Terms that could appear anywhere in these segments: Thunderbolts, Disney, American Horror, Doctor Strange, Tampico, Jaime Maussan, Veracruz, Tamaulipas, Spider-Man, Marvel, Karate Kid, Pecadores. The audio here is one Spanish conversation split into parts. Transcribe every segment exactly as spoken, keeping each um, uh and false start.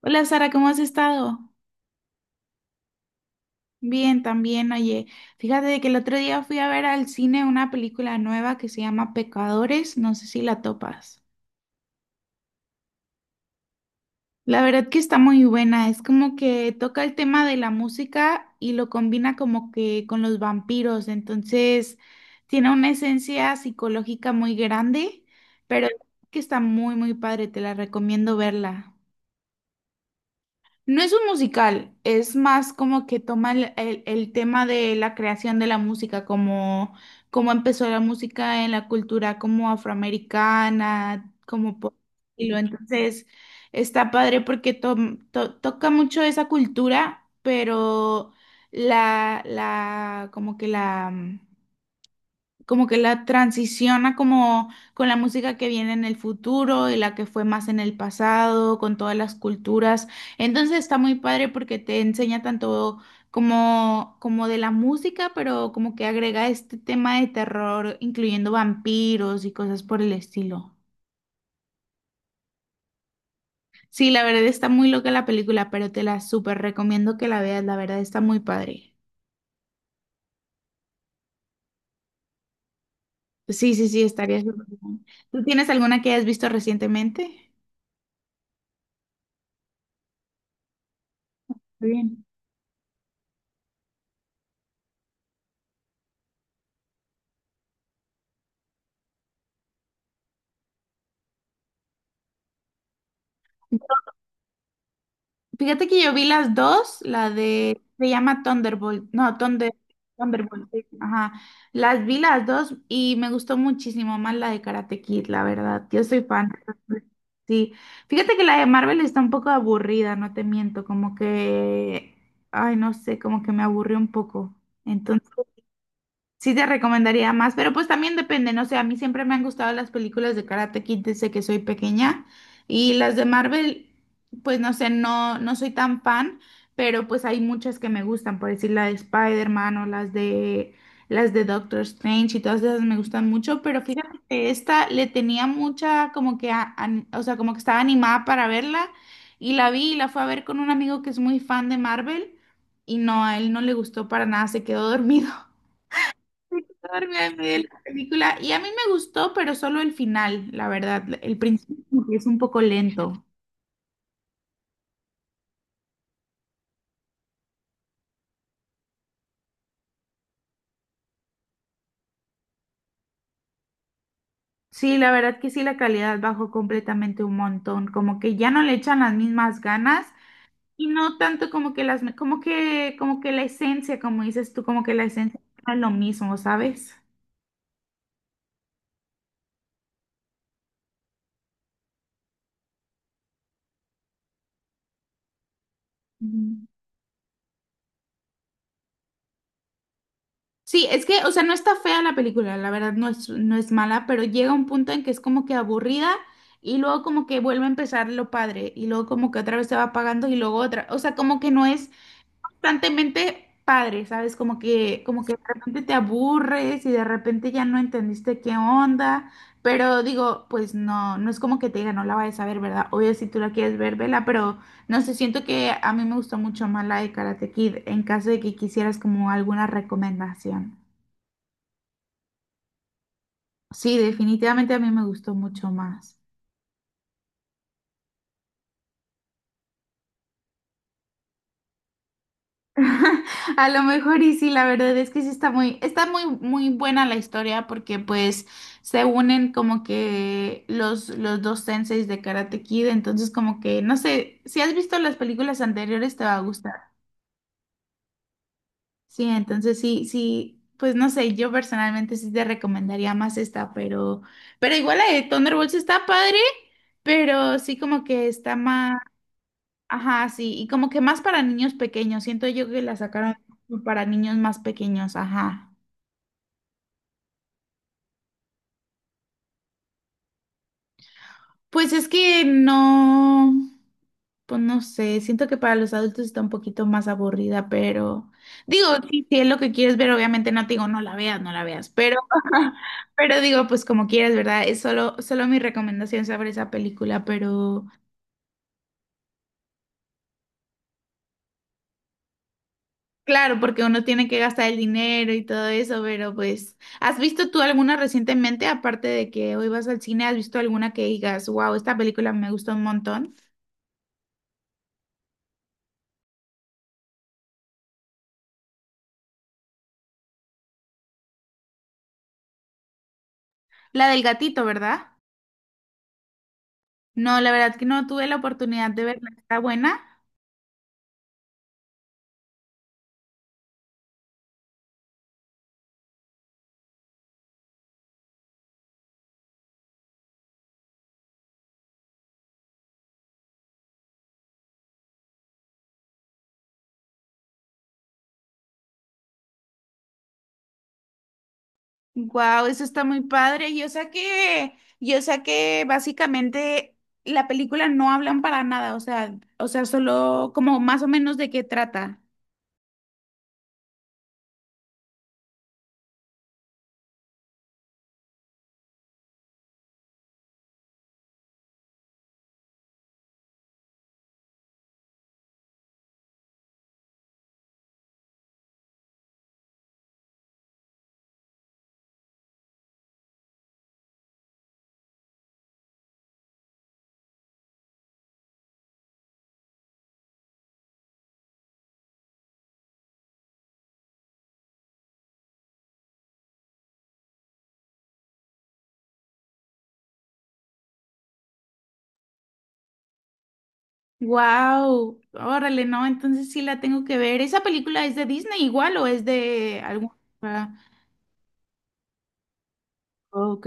Hola Sara, ¿cómo has estado? Bien, también, oye, fíjate de que el otro día fui a ver al cine una película nueva que se llama Pecadores, no sé si la topas. La verdad que está muy buena, es como que toca el tema de la música y lo combina como que con los vampiros, entonces tiene una esencia psicológica muy grande, pero que está muy, muy padre, te la recomiendo verla. No es un musical, es más como que toma el, el- el tema de la creación de la música, como cómo empezó la música en la cultura como afroamericana, como por estilo. Entonces, está padre porque to- to- toca mucho esa cultura, pero la, la, como que la, como que la transiciona como con la música que viene en el futuro y la que fue más en el pasado, con todas las culturas. Entonces está muy padre porque te enseña tanto como, como de la música, pero como que agrega este tema de terror, incluyendo vampiros y cosas por el estilo. Sí, la verdad está muy loca la película, pero te la súper recomiendo que la veas, la verdad está muy padre. Sí, sí, sí, estaría súper bien. ¿Tú tienes alguna que hayas visto recientemente? Muy bien. Fíjate que yo vi las dos, la de, se llama Thunderbolt, no, Thunder, Thunderbolt, sí, ajá, las vi las dos y me gustó muchísimo más la de Karate Kid, la verdad, yo soy fan, sí, fíjate que la de Marvel está un poco aburrida, no te miento, como que, ay, no sé, como que me aburrió un poco, entonces, sí te recomendaría más, pero pues también depende, no sé, a mí siempre me han gustado las películas de Karate Kid desde que soy pequeña y las de Marvel, pues no sé, no, no soy tan fan, pero pues hay muchas que me gustan, por decir la de Spider-Man o las de las de Doctor Strange y todas esas me gustan mucho, pero fíjate que esta le tenía mucha como que, a- an- o sea, como que estaba animada para verla y la vi y la fue a ver con un amigo que es muy fan de Marvel y no, a él no le gustó para nada, se quedó dormido. Enorme, me olvidé la película y a mí me gustó, pero solo el final, la verdad. El principio como que es un poco lento. Sí, la verdad que sí, la calidad bajó completamente un montón, como que ya no le echan las mismas ganas y no tanto como que las, como que, como que la esencia, como dices tú, como que la esencia no es lo mismo, ¿sabes? Ujú. Sí, es que, o sea, no está fea la película, la verdad no es, no es mala, pero llega un punto en que es como que aburrida y luego como que vuelve a empezar lo padre y luego como que otra vez se va apagando y luego otra, o sea, como que no es constantemente padre, ¿sabes? Como que, como que de repente te aburres y de repente ya no entendiste qué onda, pero digo, pues no, no es como que te diga, no la vayas a ver, ¿verdad? Obvio, si tú la quieres ver, vela, pero no sé, siento que a mí me gustó mucho más la de Karate Kid en caso de que quisieras como alguna recomendación. Sí, definitivamente a mí me gustó mucho más. A lo mejor y sí, la verdad es que sí está muy, está muy, muy buena la historia porque pues se unen como que los, los dos senseis de Karate Kid, entonces como que, no sé, si has visto las películas anteriores te va a gustar. Sí, entonces sí, sí, pues no sé, yo personalmente sí te recomendaría más esta, pero, pero igual la de Thunderbolts está padre, pero sí como que está más ajá, sí, y como que más para niños pequeños, siento yo que la sacaron para niños más pequeños, ajá. Pues es que no, pues no sé, siento que para los adultos está un poquito más aburrida, pero digo, sí, si es lo que quieres ver, obviamente no te digo, no la veas, no la veas, pero, pero digo, pues como quieras, ¿verdad? Es solo, solo mi recomendación sobre esa película, pero... Claro, porque uno tiene que gastar el dinero y todo eso, pero pues, ¿has visto tú alguna recientemente, aparte de que hoy vas al cine, has visto alguna que digas, wow, esta película me gustó un montón? La del gatito, ¿verdad? No, la verdad que no tuve la oportunidad de verla. ¿Está buena? Wow, eso está muy padre. Yo sé que, yo sé que básicamente la película no hablan para nada, o sea, o sea, solo como más o menos de qué trata. Wow, órale, no, entonces sí la tengo que ver. ¿Esa película es de Disney igual o es de algún... ah, ok,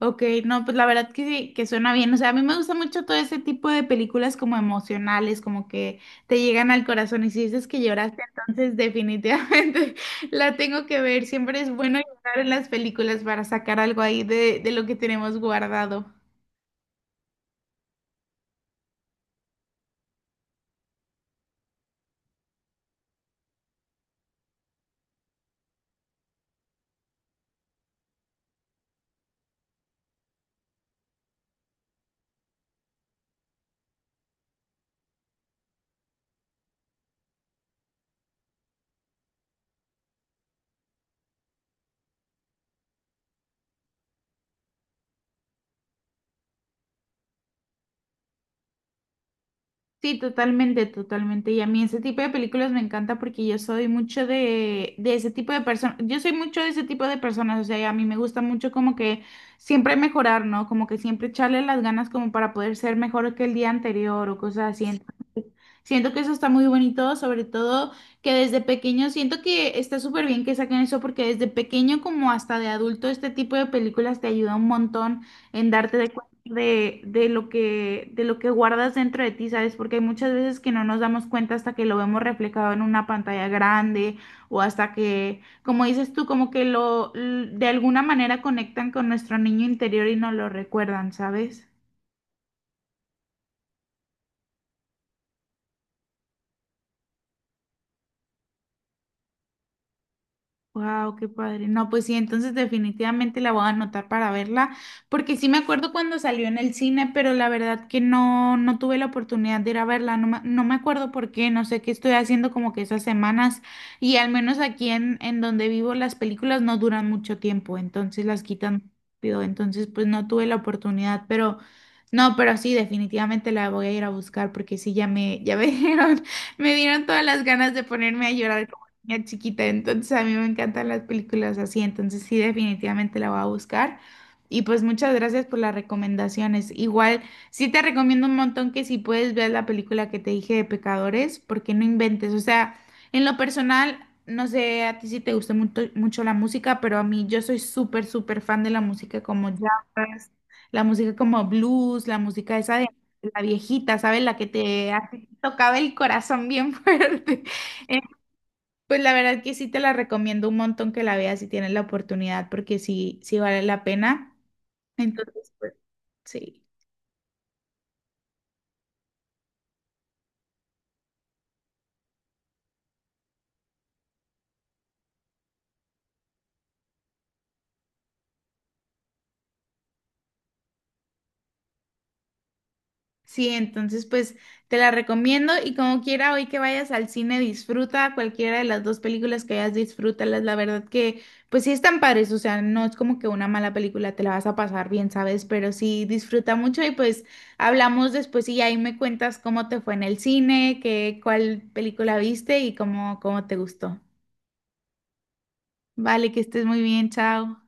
ok, no, pues la verdad que sí, que suena bien. O sea, a mí me gusta mucho todo ese tipo de películas como emocionales, como que te llegan al corazón y si dices que lloraste, entonces definitivamente la tengo que ver. Siempre es bueno llorar en las películas para sacar algo ahí de, de lo que tenemos guardado. Sí, totalmente, totalmente. Y a mí ese tipo de películas me encanta porque yo soy mucho de, de ese tipo de personas. Yo soy mucho de ese tipo de personas. O sea, y a mí me gusta mucho como que siempre mejorar, ¿no? Como que siempre echarle las ganas como para poder ser mejor que el día anterior o cosas así. Siento que eso está muy bonito, sobre todo que desde pequeño, siento que está súper bien que saquen eso porque desde pequeño como hasta de adulto este tipo de películas te ayuda un montón en darte de cuenta de, de lo que, de lo que guardas dentro de ti, ¿sabes? Porque hay muchas veces que no nos damos cuenta hasta que lo vemos reflejado en una pantalla grande o hasta que, como dices tú, como que lo, l- de alguna manera conectan con nuestro niño interior y nos lo recuerdan, ¿sabes? Wow, qué padre. No, pues sí, entonces definitivamente la voy a anotar para verla, porque sí me acuerdo cuando salió en el cine, pero la verdad que no, no tuve la oportunidad de ir a verla, no me, no me acuerdo por qué, no sé qué estoy haciendo como que esas semanas, y al menos aquí en, en donde vivo las películas no duran mucho tiempo, entonces las quitan rápido, entonces pues no tuve la oportunidad, pero no, pero sí, definitivamente la voy a ir a buscar, porque sí, ya me, ya me dieron, me dieron todas las ganas de ponerme a llorar es chiquita, entonces a mí me encantan las películas así, entonces sí, definitivamente la voy a buscar. Y pues muchas gracias por las recomendaciones. Igual, sí te recomiendo un montón que si puedes ver la película que te dije de Pecadores, porque no inventes. O sea, en lo personal, no sé a ti si te gusta mucho, mucho la música, pero a mí yo soy súper, súper fan de la música como jazz, la música como blues, la música esa de la viejita, ¿sabes? La que te hace- tocaba el corazón bien fuerte. Pues la verdad que sí te la recomiendo un montón que la veas si tienes la oportunidad, porque sí, sí vale la pena. Entonces, pues, sí. Sí, entonces pues te la recomiendo y como quiera hoy que vayas al cine disfruta cualquiera de las dos películas que veas, disfrútalas. La verdad que pues sí están padres, o sea, no es como que una mala película te la vas a pasar bien, ¿sabes? Pero sí disfruta mucho y pues hablamos después y ahí me cuentas cómo te fue en el cine, qué, cuál película viste y cómo, cómo te gustó. Vale, que estés muy bien, chao.